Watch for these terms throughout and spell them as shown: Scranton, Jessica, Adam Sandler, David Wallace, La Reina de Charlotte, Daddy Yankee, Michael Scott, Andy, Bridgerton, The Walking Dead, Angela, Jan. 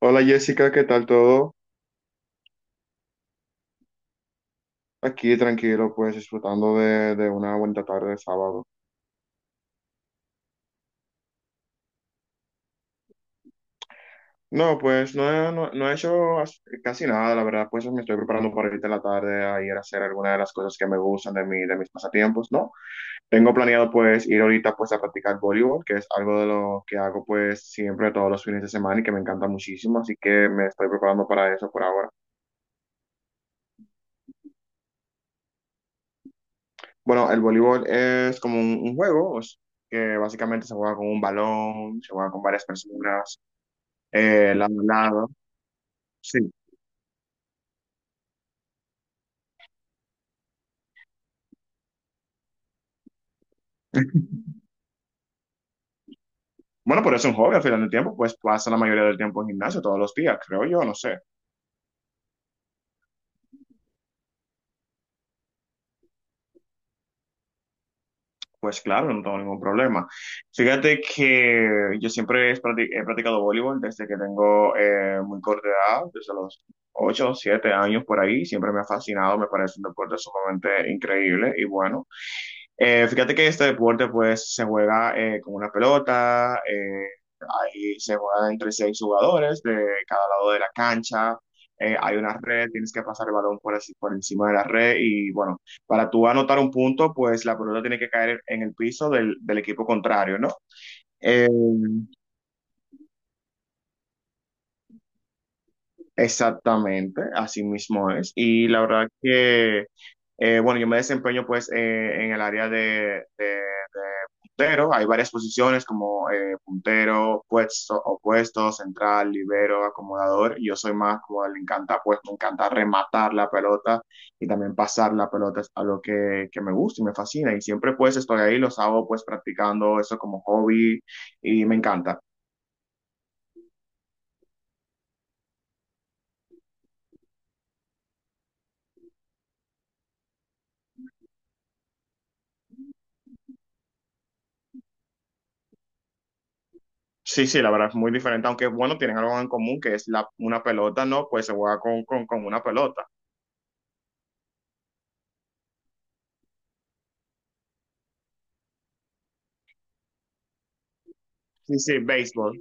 Hola Jessica, ¿qué tal todo? Aquí tranquilo, pues disfrutando de una buena tarde de sábado. No, pues no, no, no he hecho casi nada, la verdad, pues me estoy preparando para ahorita en la tarde a ir a hacer alguna de las cosas que me gustan de mis pasatiempos, ¿no? Tengo planeado pues ir ahorita pues a practicar voleibol, que es algo de lo que hago pues siempre todos los fines de semana y que me encanta muchísimo, así que me estoy preparando para eso por ahora. Bueno, el voleibol es como un juego, o sea, que básicamente se juega con un balón, se juega con varias personas. Lado, sí. Bueno, pero es un hobby al final del tiempo, pues pasa la mayoría del tiempo en gimnasio, todos los días, creo yo, no sé. Pues claro, no tengo ningún problema. Fíjate que yo siempre he practicado voleibol desde que tengo muy corta edad, desde los 8 7 años por ahí. Siempre me ha fascinado, me parece un deporte sumamente increíble y bueno. Fíjate que este deporte pues se juega con una pelota, ahí se juega entre seis jugadores de cada lado de la cancha, hay una red, tienes que pasar el balón por, por encima de la red y bueno, para tú anotar un punto pues la pelota tiene que caer en el piso del equipo contrario, ¿no? Eh, Exactamente, así mismo es. Y la verdad que, bueno, yo me desempeño pues en el área de puntero. Hay varias posiciones como puntero, puesto, opuesto, central, libero, acomodador. Yo soy más como le encanta, pues me encanta rematar la pelota y también pasar la pelota. Es algo que me gusta y me fascina. Y siempre pues estoy ahí, los hago pues practicando eso como hobby y me encanta. Sí, sí, la verdad es muy diferente, aunque bueno, tienen algo en común que es una pelota, ¿no? Pues se juega con una pelota. Sí, sí, béisbol.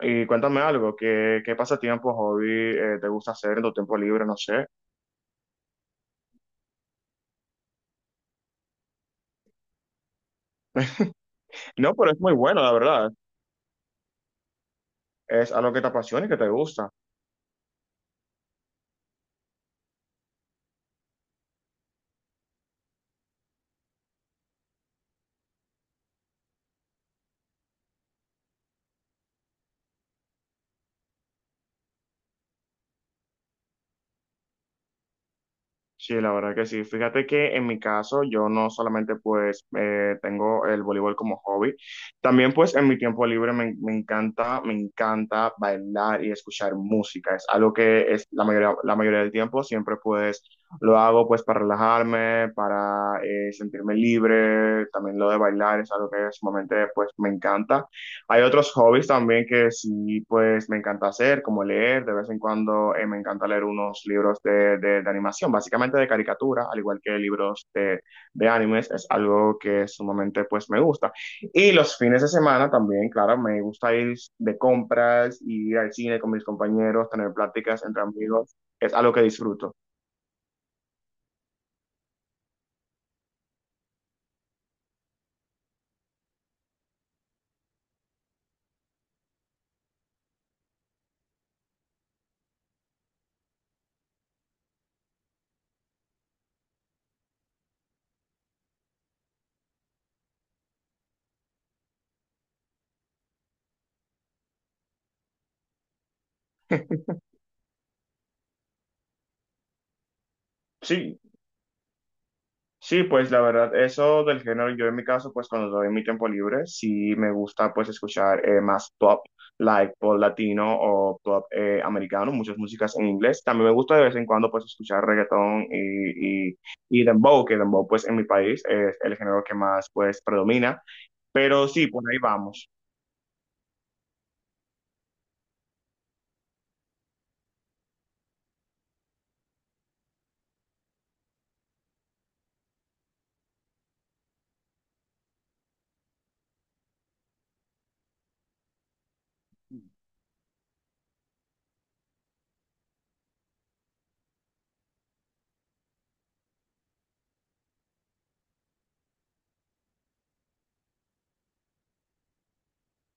Y cuéntame algo, ¿qué pasatiempo, hobby te gusta hacer en tu tiempo libre? No sé. No, pero es muy bueno, la verdad. Es algo que te apasiona y que te gusta. Sí, la verdad que sí. Fíjate que en mi caso yo no solamente pues tengo el voleibol como hobby, también pues en mi tiempo libre me encanta bailar y escuchar música. Es algo que es la mayoría del tiempo siempre pues lo hago pues para relajarme, para sentirme libre. También lo de bailar es algo que sumamente pues me encanta. Hay otros hobbies también que sí, pues me encanta hacer, como leer, de vez en cuando me encanta leer unos libros de animación, básicamente de caricatura, al igual que libros de animes, es algo que sumamente pues me gusta. Y los fines de semana también, claro, me gusta ir de compras, ir al cine con mis compañeros, tener pláticas entre amigos, es algo que disfruto. Sí, sí, pues la verdad, eso del género, yo en mi caso, pues cuando doy mi tiempo libre, sí me gusta pues escuchar más pop, like pop latino o pop americano, muchas músicas en inglés. También me gusta de vez en cuando pues escuchar reggaetón y dembow, que dembow pues en mi país es el género que más pues predomina. Pero sí, por ahí vamos.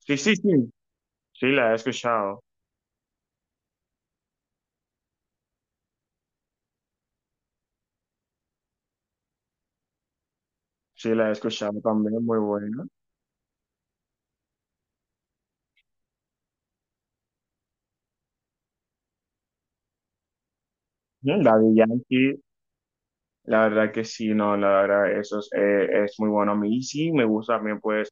Sí, sí, sí, sí la he escuchado, sí la he escuchado también, muy buena. Mm, Daddy Yankee. La verdad que sí, no, la verdad, eso es muy bueno a mí. Y sí, me gusta también, pues,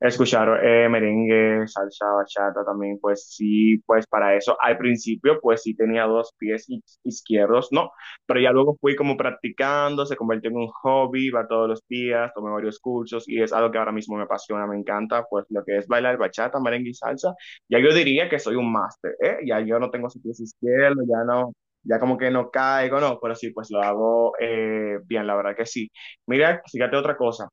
escuchar merengue, salsa, bachata también, pues sí, pues para eso. Al principio, pues sí tenía dos pies izquierdos, ¿no? Pero ya luego fui como practicando, se convirtió en un hobby, va todos los días, tomé varios cursos y es algo que ahora mismo me apasiona, me encanta, pues lo que es bailar bachata, merengue y salsa. Ya yo diría que soy un máster, ¿eh? Ya yo no tengo sus pies izquierdos, ya no ya como que no caigo, no, pero sí, pues lo hago bien, la verdad que sí. Mira, fíjate otra cosa.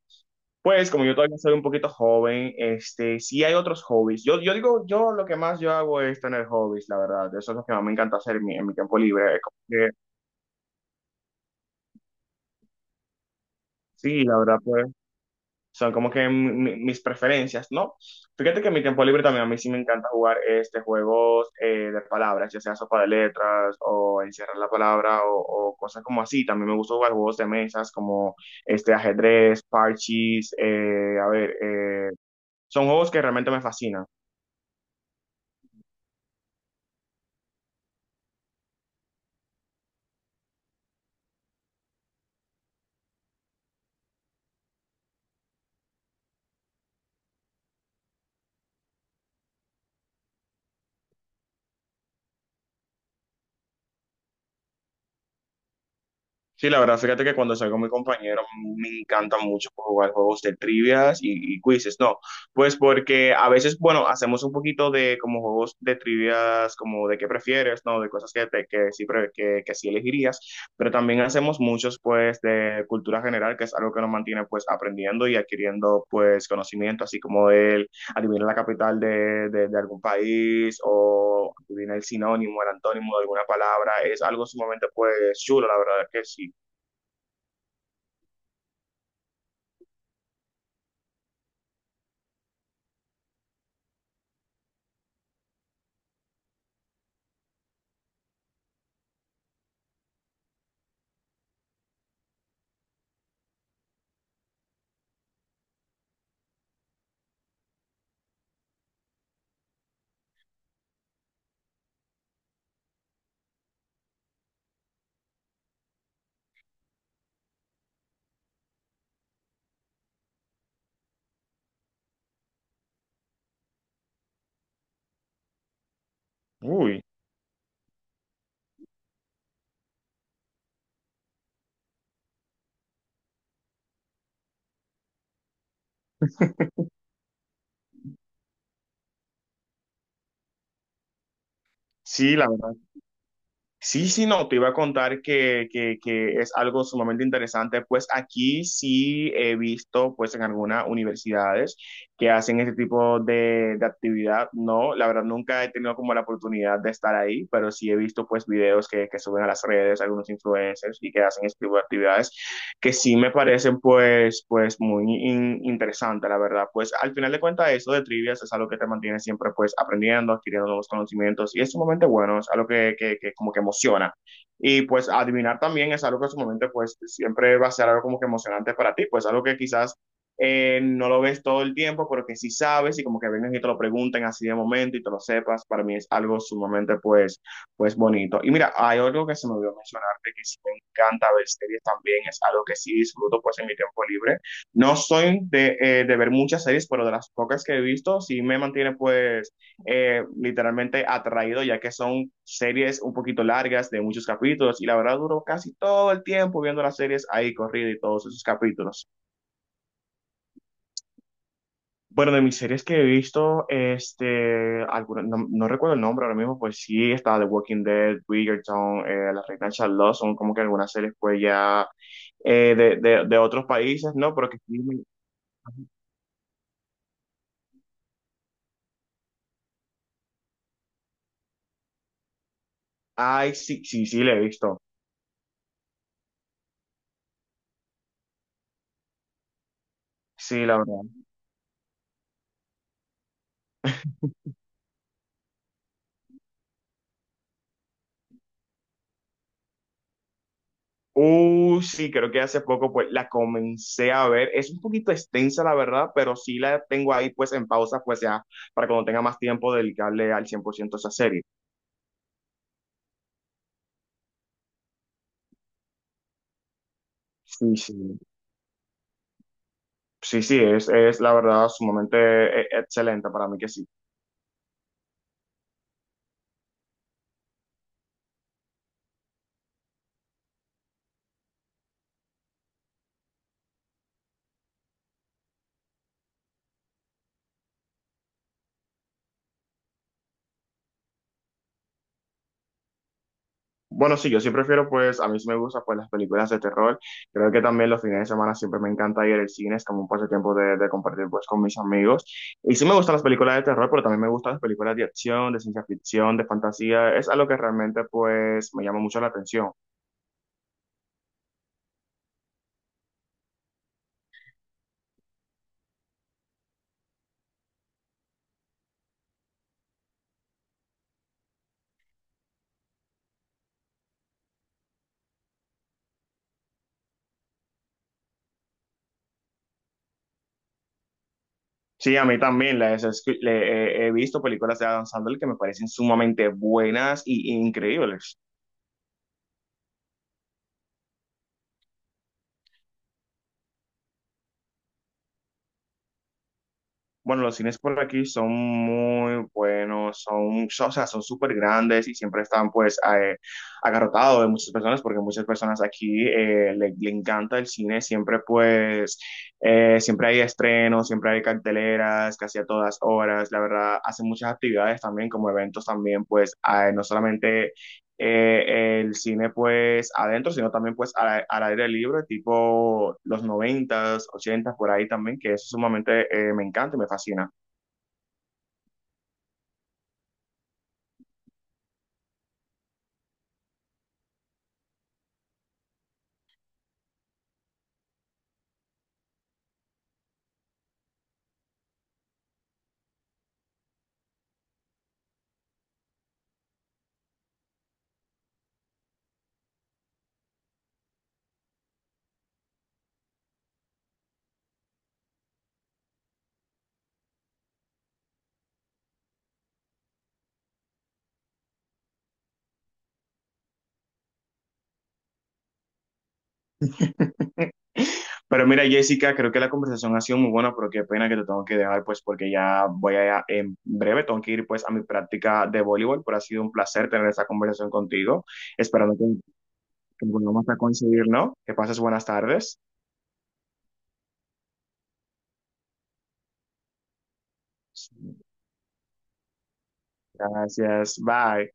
Pues como yo todavía soy un poquito joven, sí hay otros hobbies. Yo digo, yo lo que más yo hago es tener hobbies, la verdad. Eso es lo que más me encanta hacer en mi tiempo libre. Como que, sí, la verdad, pues son como que mis preferencias, ¿no? Fíjate que en mi tiempo libre también a mí sí me encanta jugar juegos de palabras, ya sea sopa de letras o encierrar la palabra o cosas como así. También me gusta jugar juegos de mesas como ajedrez, parchís, a ver, son juegos que realmente me fascinan. Sí, la verdad, fíjate que cuando salgo con mi compañero me encanta mucho pues, jugar juegos de trivias y quizzes, no, pues porque a veces, bueno, hacemos un poquito de como juegos de trivias, como de qué prefieres, no, de cosas que, que, sí, que sí elegirías, pero también hacemos muchos pues de cultura general, que es algo que nos mantiene pues aprendiendo y adquiriendo pues conocimiento, así como el adivinar la capital de algún país o adivinar el sinónimo, el antónimo de alguna palabra, es algo sumamente pues chulo, la verdad que sí. Uy, sí, la verdad. Sí, sí, no, te iba a contar que es algo sumamente interesante, pues aquí sí he visto, pues en algunas universidades que hacen este tipo de actividad, no, la verdad nunca he tenido como la oportunidad de estar ahí, pero sí he visto pues videos que suben a las redes, algunos influencers y que hacen este tipo de actividades que sí me parecen pues, muy interesante, la verdad. Pues al final de cuentas eso de trivias es algo que te mantiene siempre pues aprendiendo, adquiriendo nuevos conocimientos y es sumamente bueno, es algo que como que emociona. Y pues adivinar también es algo que en su momento pues siempre va a ser algo como que emocionante para ti, pues algo que quizás no lo ves todo el tiempo, pero que sí sabes y como que vengan y te lo pregunten así de momento y te lo sepas, para mí es algo sumamente pues bonito. Y mira, hay algo que se me olvidó mencionar arte que sí me encanta ver series también, es algo que sí disfruto pues en mi tiempo libre. No soy de ver muchas series, pero de las pocas que he visto sí me mantiene pues literalmente atraído, ya que son series un poquito largas de muchos capítulos y la verdad duro casi todo el tiempo viendo las series ahí corrida y todos esos capítulos. Bueno, de mis series que he visto, no, no recuerdo el nombre ahora mismo, pues sí, estaba The Walking Dead, Bridgerton, La Reina de Charlotte, son como que algunas series pues ya de otros países, ¿no? Pero que sí, ay, sí, sí, sí, la he visto, sí, la verdad. Sí, creo que hace poco pues la comencé a ver, es un poquito extensa la verdad, pero sí la tengo ahí pues en pausa, pues ya, para cuando tenga más tiempo dedicarle al 100% a esa serie. Sí, sí. Sí, sí, es la verdad sumamente excelente para mí que sí. Bueno, sí, yo sí prefiero, pues, a mí sí me gusta, pues, las películas de terror. Creo que también los fines de semana siempre me encanta ir al cine, es como un pasatiempo de compartir, pues, con mis amigos. Y sí me gustan las películas de terror, pero también me gustan las películas de acción, de ciencia ficción, de fantasía. Es algo que realmente, pues, me llama mucho la atención. Sí, a mí también he visto películas de Adam Sandler que me parecen sumamente buenas y increíbles. Bueno, los cines por aquí son muy buenos, o sea, son súper grandes y siempre están pues agarrotados de muchas personas porque muchas personas aquí le encanta el cine, siempre pues, siempre hay estrenos, siempre hay carteleras, casi a todas horas, la verdad, hacen muchas actividades también como eventos también pues, no solamente el cine pues adentro, sino también pues al aire libre, tipo los noventas, ochentas, por ahí también, que eso sumamente me encanta y me fascina. Pero mira, Jessica, creo que la conversación ha sido muy buena, pero qué pena que te tengo que dejar pues porque ya voy a, en breve, tengo que ir pues a mi práctica de voleibol, pero ha sido un placer tener esta conversación contigo, esperando que volvamos a coincidir, ¿no? Que pases buenas tardes. Sí, gracias, bye.